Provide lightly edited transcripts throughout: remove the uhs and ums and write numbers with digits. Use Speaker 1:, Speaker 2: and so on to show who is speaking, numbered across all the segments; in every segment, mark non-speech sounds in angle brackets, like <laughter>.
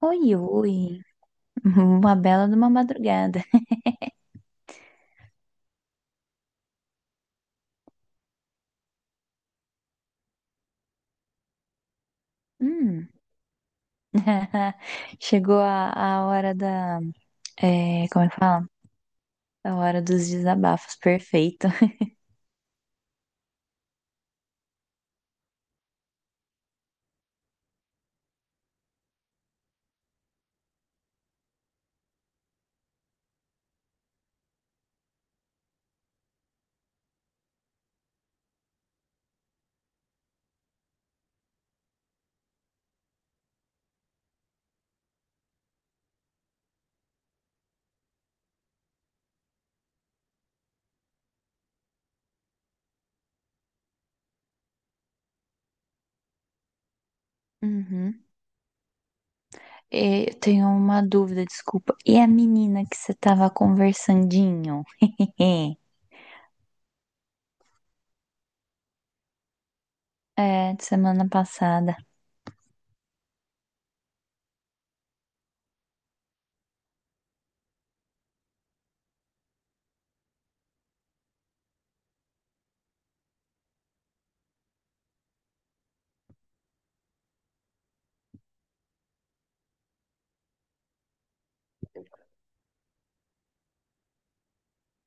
Speaker 1: Oi, oi. <laughs> Uma bela de uma madrugada. Hum. <laughs> Chegou a hora da. É, como é que fala? A hora dos desabafos. Perfeito. <laughs> Uhum. Eu tenho uma dúvida, desculpa. E a menina que você tava conversandinho? <laughs> É, de semana passada.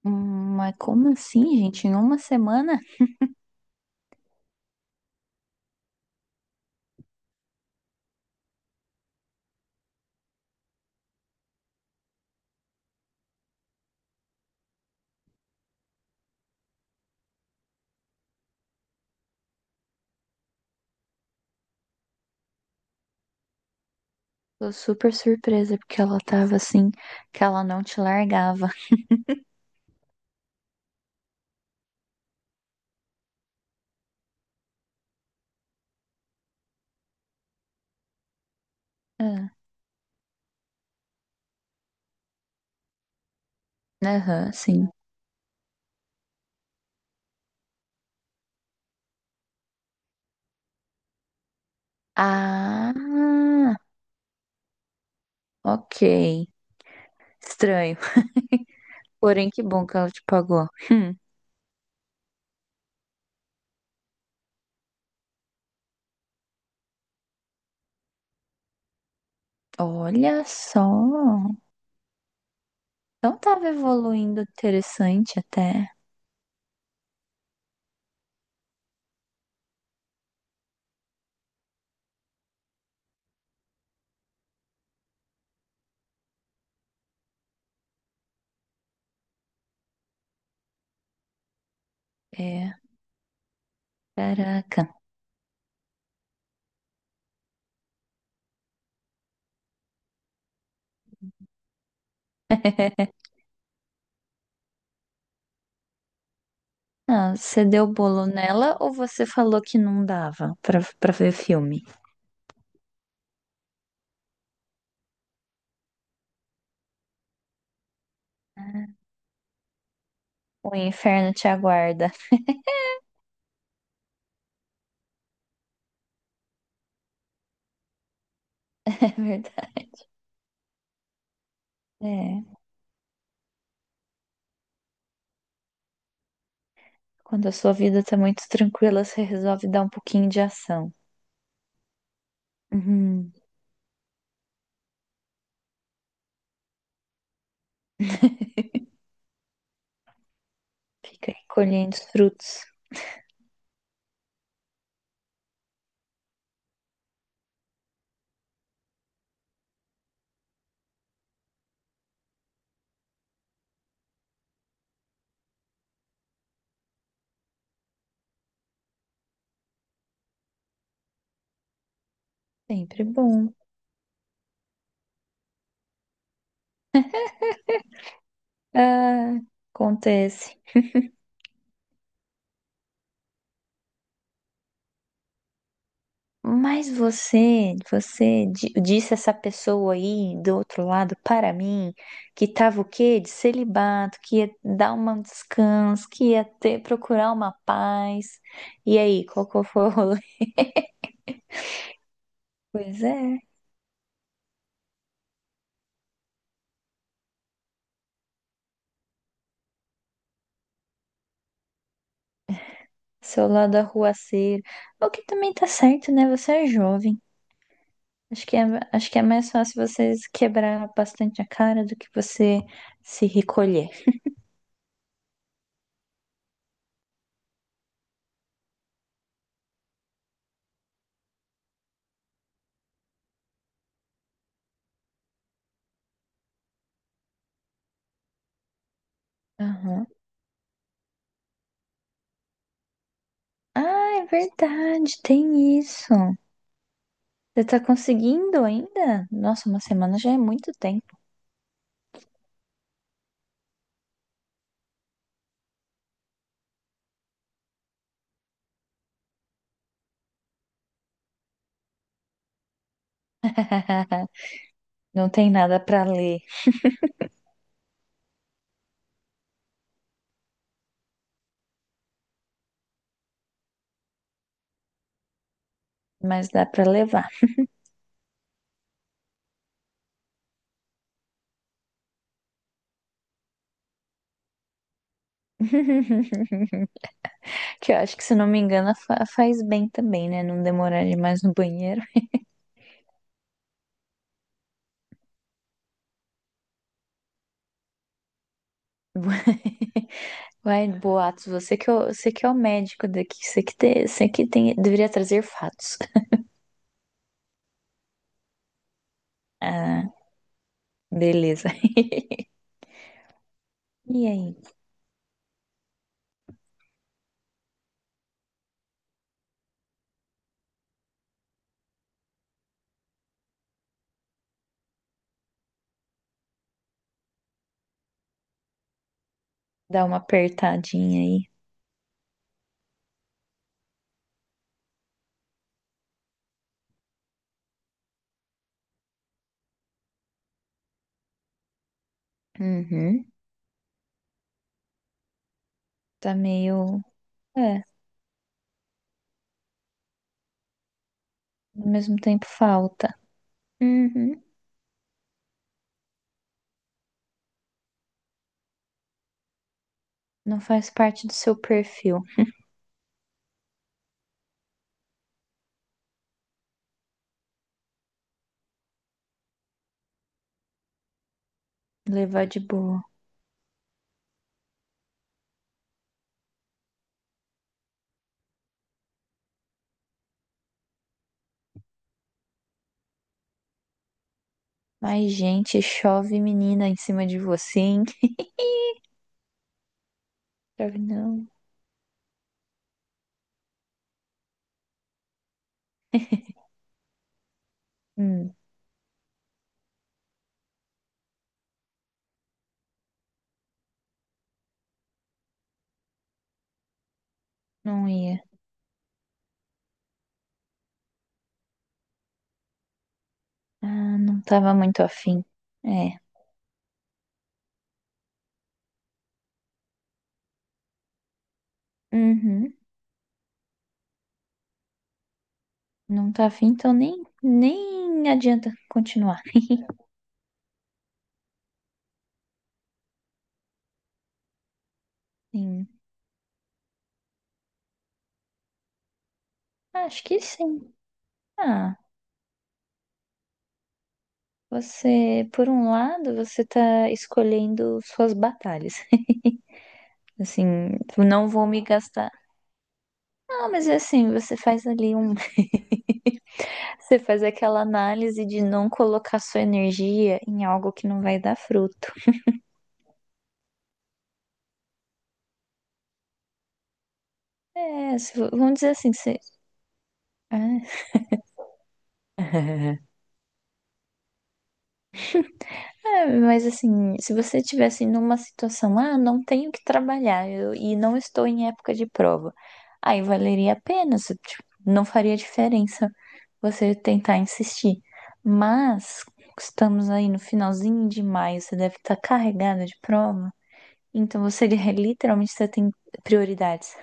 Speaker 1: Mas como assim, gente? Em uma semana? Tô super surpresa porque ela tava assim, que ela não te largava. Ah. Aham, sim. Ah, ok. Estranho. <laughs> Porém, que bom que ela te pagou. Olha só. Então tava evoluindo interessante até. É. Caraca. <laughs> Ah, você deu bolo nela ou você falou que não dava pra ver filme? O inferno te aguarda. <laughs> É verdade. É. Quando a sua vida tá muito tranquila, você resolve dar um pouquinho de ação. Uhum. Fica aí colhendo os frutos. Sempre bom. Ah, acontece. Mas você disse essa pessoa aí do outro lado para mim que tava o quê? De celibato, que ia dar um descanso, que ia ter, procurar uma paz. E aí, qual que foi o rolê? <laughs> Pois é, seu lado arruaceiro. O que também tá certo, né? Você é jovem. Acho que é, acho que é mais fácil vocês quebrar bastante a cara do que você se recolher. Aham. Ah, é verdade, tem isso. Você tá conseguindo ainda? Nossa, uma semana já é muito tempo. <laughs> Não tem nada pra ler, mas dá pra levar. <laughs> Que eu acho que, se não me engano, faz bem também, né? Não demorar demais no banheiro. <laughs> Vai, Boatos, você que é o médico daqui, você que tem, deveria trazer fatos. Ah, beleza. E aí? Dá uma apertadinha aí. Uhum. Tá meio. É, ao mesmo tempo falta. Uhum. Não faz parte do seu perfil. Levar de boa. Mas, gente, chove menina em cima de você, hein? Chove, não. Hum, não ia. Ah, não tava muito afim. É. Uhum. Não tá afim, nem adianta continuar. <laughs> Sim. Acho que sim. Ah. Você, por um lado, você tá escolhendo suas batalhas. <laughs> Assim, tipo, não vou me gastar. Não, mas é assim, você faz ali um, <laughs> você faz aquela análise de não colocar sua energia em algo que não vai dar fruto. É, se, vamos dizer assim, você, é. <laughs> É, mas assim, se você estivesse numa situação, ah, não tenho que trabalhar e não estou em época de prova, aí valeria a pena, se, tipo, não faria diferença você tentar insistir. Mas estamos aí no finalzinho de maio, você deve estar carregada de prova, então você <laughs> literalmente você tem prioridades.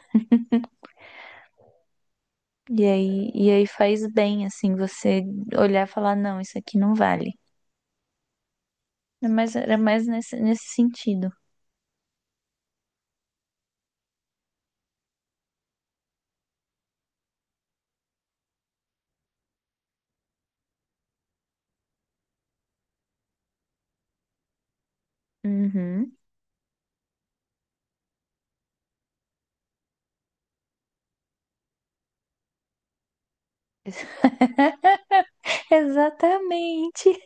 Speaker 1: E aí faz bem, assim, você olhar e falar, não, isso aqui não vale. Mas era mais nesse sentido. Uhum. <laughs> Exatamente.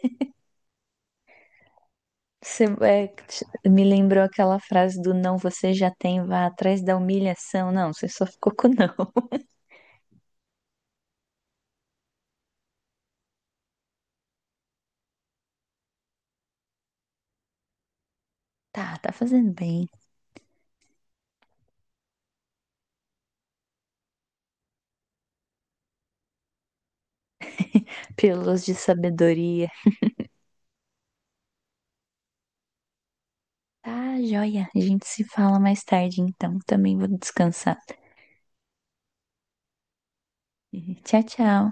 Speaker 1: Você, é, me lembrou aquela frase do não, você já tem, vá atrás da humilhação. Não, você só ficou com não. Tá, tá fazendo bem. Pílulas de sabedoria. Tá, joia. A gente se fala mais tarde, então. Também vou descansar. Tchau, tchau.